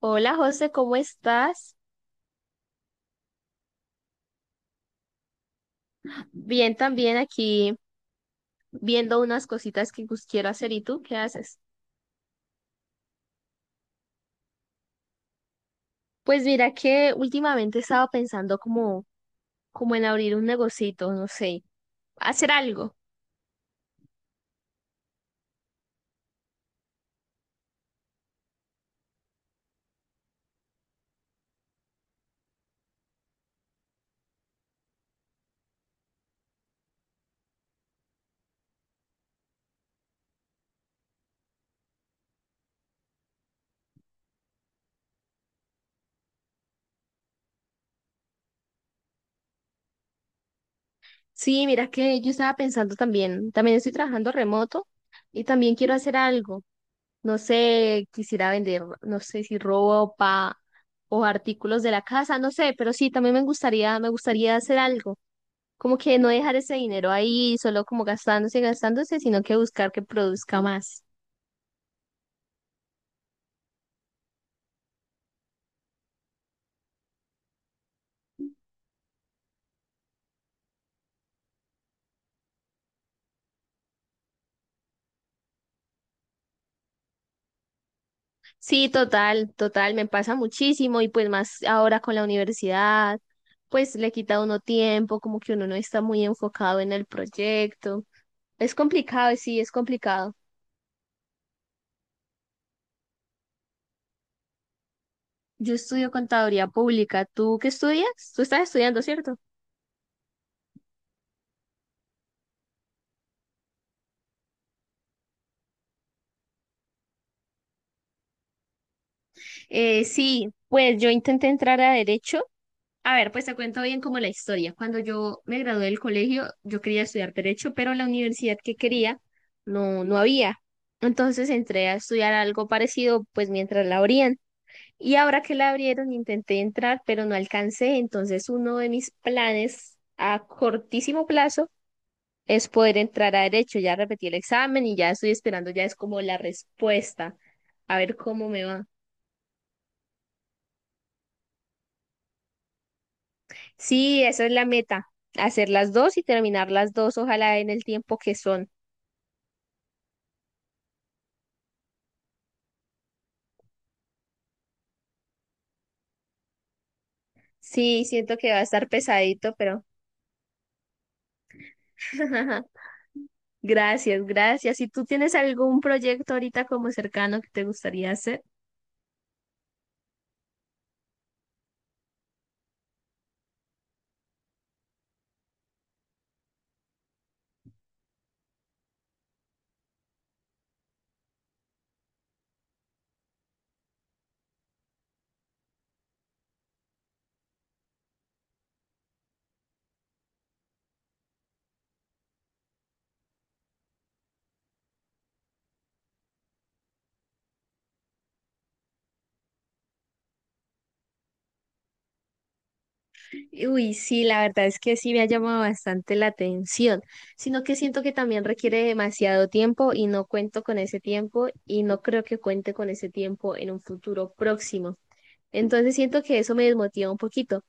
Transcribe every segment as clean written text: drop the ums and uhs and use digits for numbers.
Hola José, ¿cómo estás? Bien, también aquí viendo unas cositas que pues, quiero hacer. ¿Y tú qué haces? Pues mira que últimamente estaba pensando como en abrir un negocito, no sé, hacer algo. Sí, mira que yo estaba pensando también, también estoy trabajando remoto y también quiero hacer algo. No sé, quisiera vender, no sé si ropa o artículos de la casa, no sé, pero sí, también me gustaría hacer algo. Como que no dejar ese dinero ahí solo como gastándose y gastándose, sino que buscar que produzca más. Sí, total, total, me pasa muchísimo y pues más ahora con la universidad, pues le quita a uno tiempo, como que uno no está muy enfocado en el proyecto. Es complicado, sí, es complicado. Yo estudio contaduría pública. ¿Tú qué estudias? Tú estás estudiando, ¿cierto? Sí, pues yo intenté entrar a derecho. A ver, pues te cuento bien como la historia. Cuando yo me gradué del colegio, yo quería estudiar derecho, pero la universidad que quería no, no había. Entonces entré a estudiar algo parecido, pues mientras la abrían. Y ahora que la abrieron, intenté entrar, pero no alcancé. Entonces uno de mis planes a cortísimo plazo es poder entrar a derecho. Ya repetí el examen y ya estoy esperando, ya es como la respuesta, a ver cómo me va. Sí, esa es la meta, hacer las dos y terminar las dos, ojalá en el tiempo que son. Sí, siento que va a estar pesadito, pero gracias, gracias. ¿Y tú tienes algún proyecto ahorita como cercano que te gustaría hacer? Uy, sí, la verdad es que sí me ha llamado bastante la atención, sino que siento que también requiere demasiado tiempo y no cuento con ese tiempo y no creo que cuente con ese tiempo en un futuro próximo. Entonces siento que eso me desmotiva un poquito.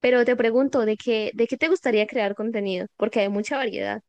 Pero te pregunto, ¿de qué te gustaría crear contenido? Porque hay mucha variedad.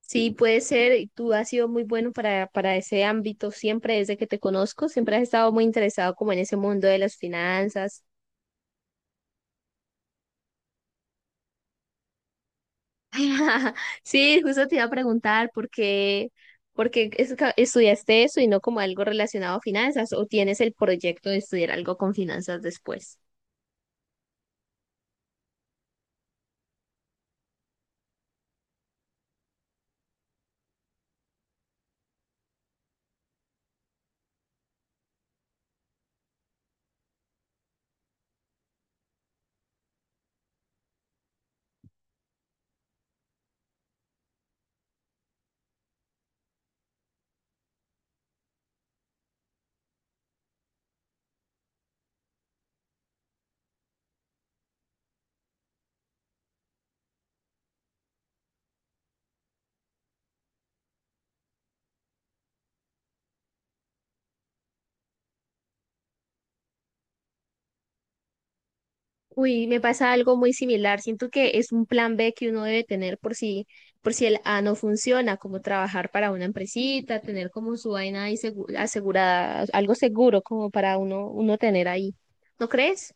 Sí, puede ser, y tú has sido muy bueno para ese ámbito siempre desde que te conozco, siempre has estado muy interesado como en ese mundo de las finanzas. Sí, justo te iba a preguntar por qué estudiaste eso y no como algo relacionado a finanzas o tienes el proyecto de estudiar algo con finanzas después. Uy, me pasa algo muy similar. Siento que es un plan B que uno debe tener por si el A no funciona, como trabajar para una empresita, tener como su vaina ahí asegurada, algo seguro como para uno, tener ahí. ¿No crees?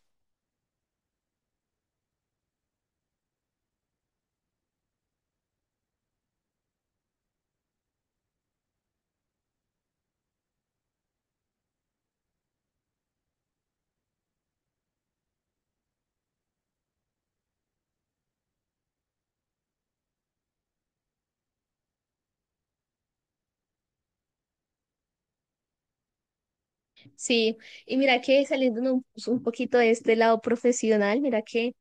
Sí. Y mira que saliendo pues, un poquito de este lado profesional, mira que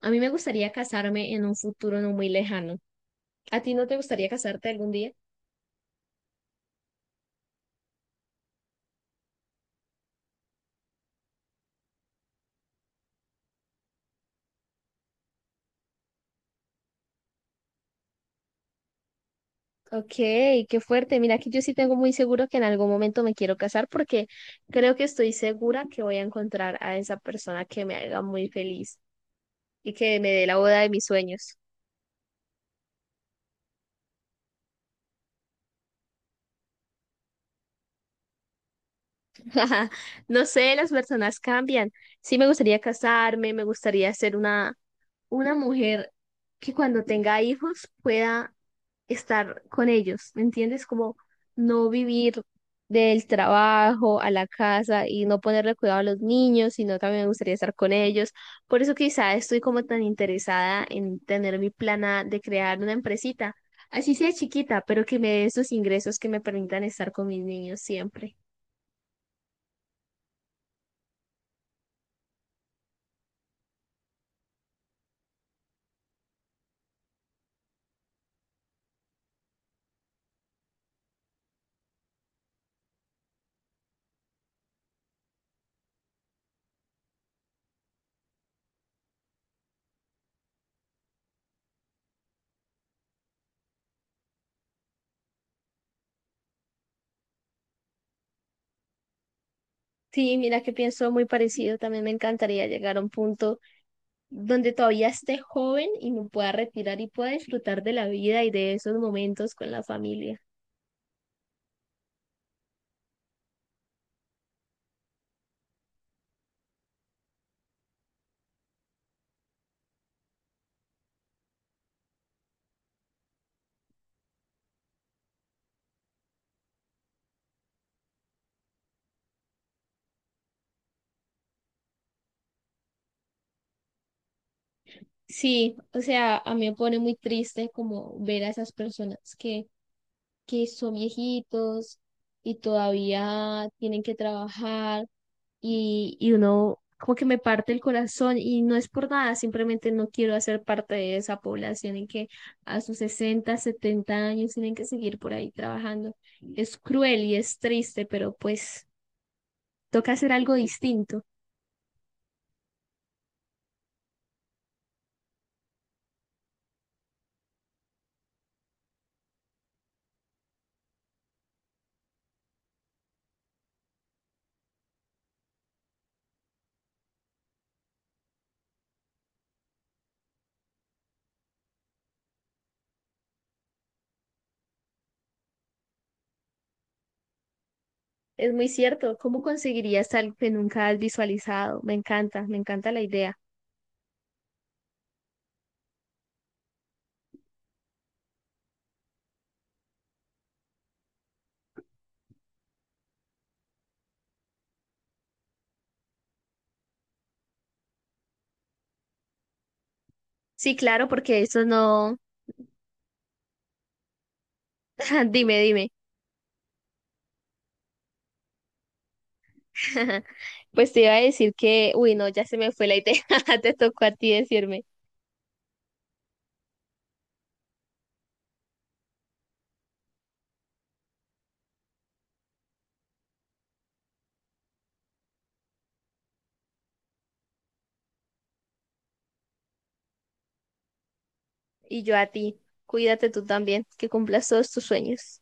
a mí me gustaría casarme en un futuro no muy lejano. ¿A ti no te gustaría casarte algún día? Ok, qué fuerte. Mira que yo sí tengo muy seguro que en algún momento me quiero casar porque creo que estoy segura que voy a encontrar a esa persona que me haga muy feliz y que me dé la boda de mis sueños. No sé, las personas cambian. Sí me gustaría casarme, me gustaría ser una mujer que cuando tenga hijos pueda estar con ellos, ¿me entiendes? Como no vivir del trabajo a la casa y no ponerle cuidado a los niños, sino también me gustaría estar con ellos. Por eso quizá estoy como tan interesada en tener mi plana de crear una empresita, así sea chiquita, pero que me dé esos ingresos que me permitan estar con mis niños siempre. Sí, mira que pienso muy parecido. También me encantaría llegar a un punto donde todavía esté joven y me pueda retirar y pueda disfrutar de la vida y de esos momentos con la familia. Sí, o sea, a mí me pone muy triste como ver a esas personas que son viejitos y todavía tienen que trabajar y uno como que me parte el corazón y no es por nada, simplemente no quiero hacer parte de esa población en que a sus 60, 70 años tienen que seguir por ahí trabajando. Es cruel y es triste, pero pues toca hacer algo distinto. Es muy cierto, ¿cómo conseguirías algo que nunca has visualizado? Me encanta la idea. Sí, claro, porque eso no. Dime, dime. Pues te iba a decir que, uy, no, ya se me fue la idea. Te tocó a ti decirme. Y yo a ti. Cuídate tú también, que cumplas todos tus sueños.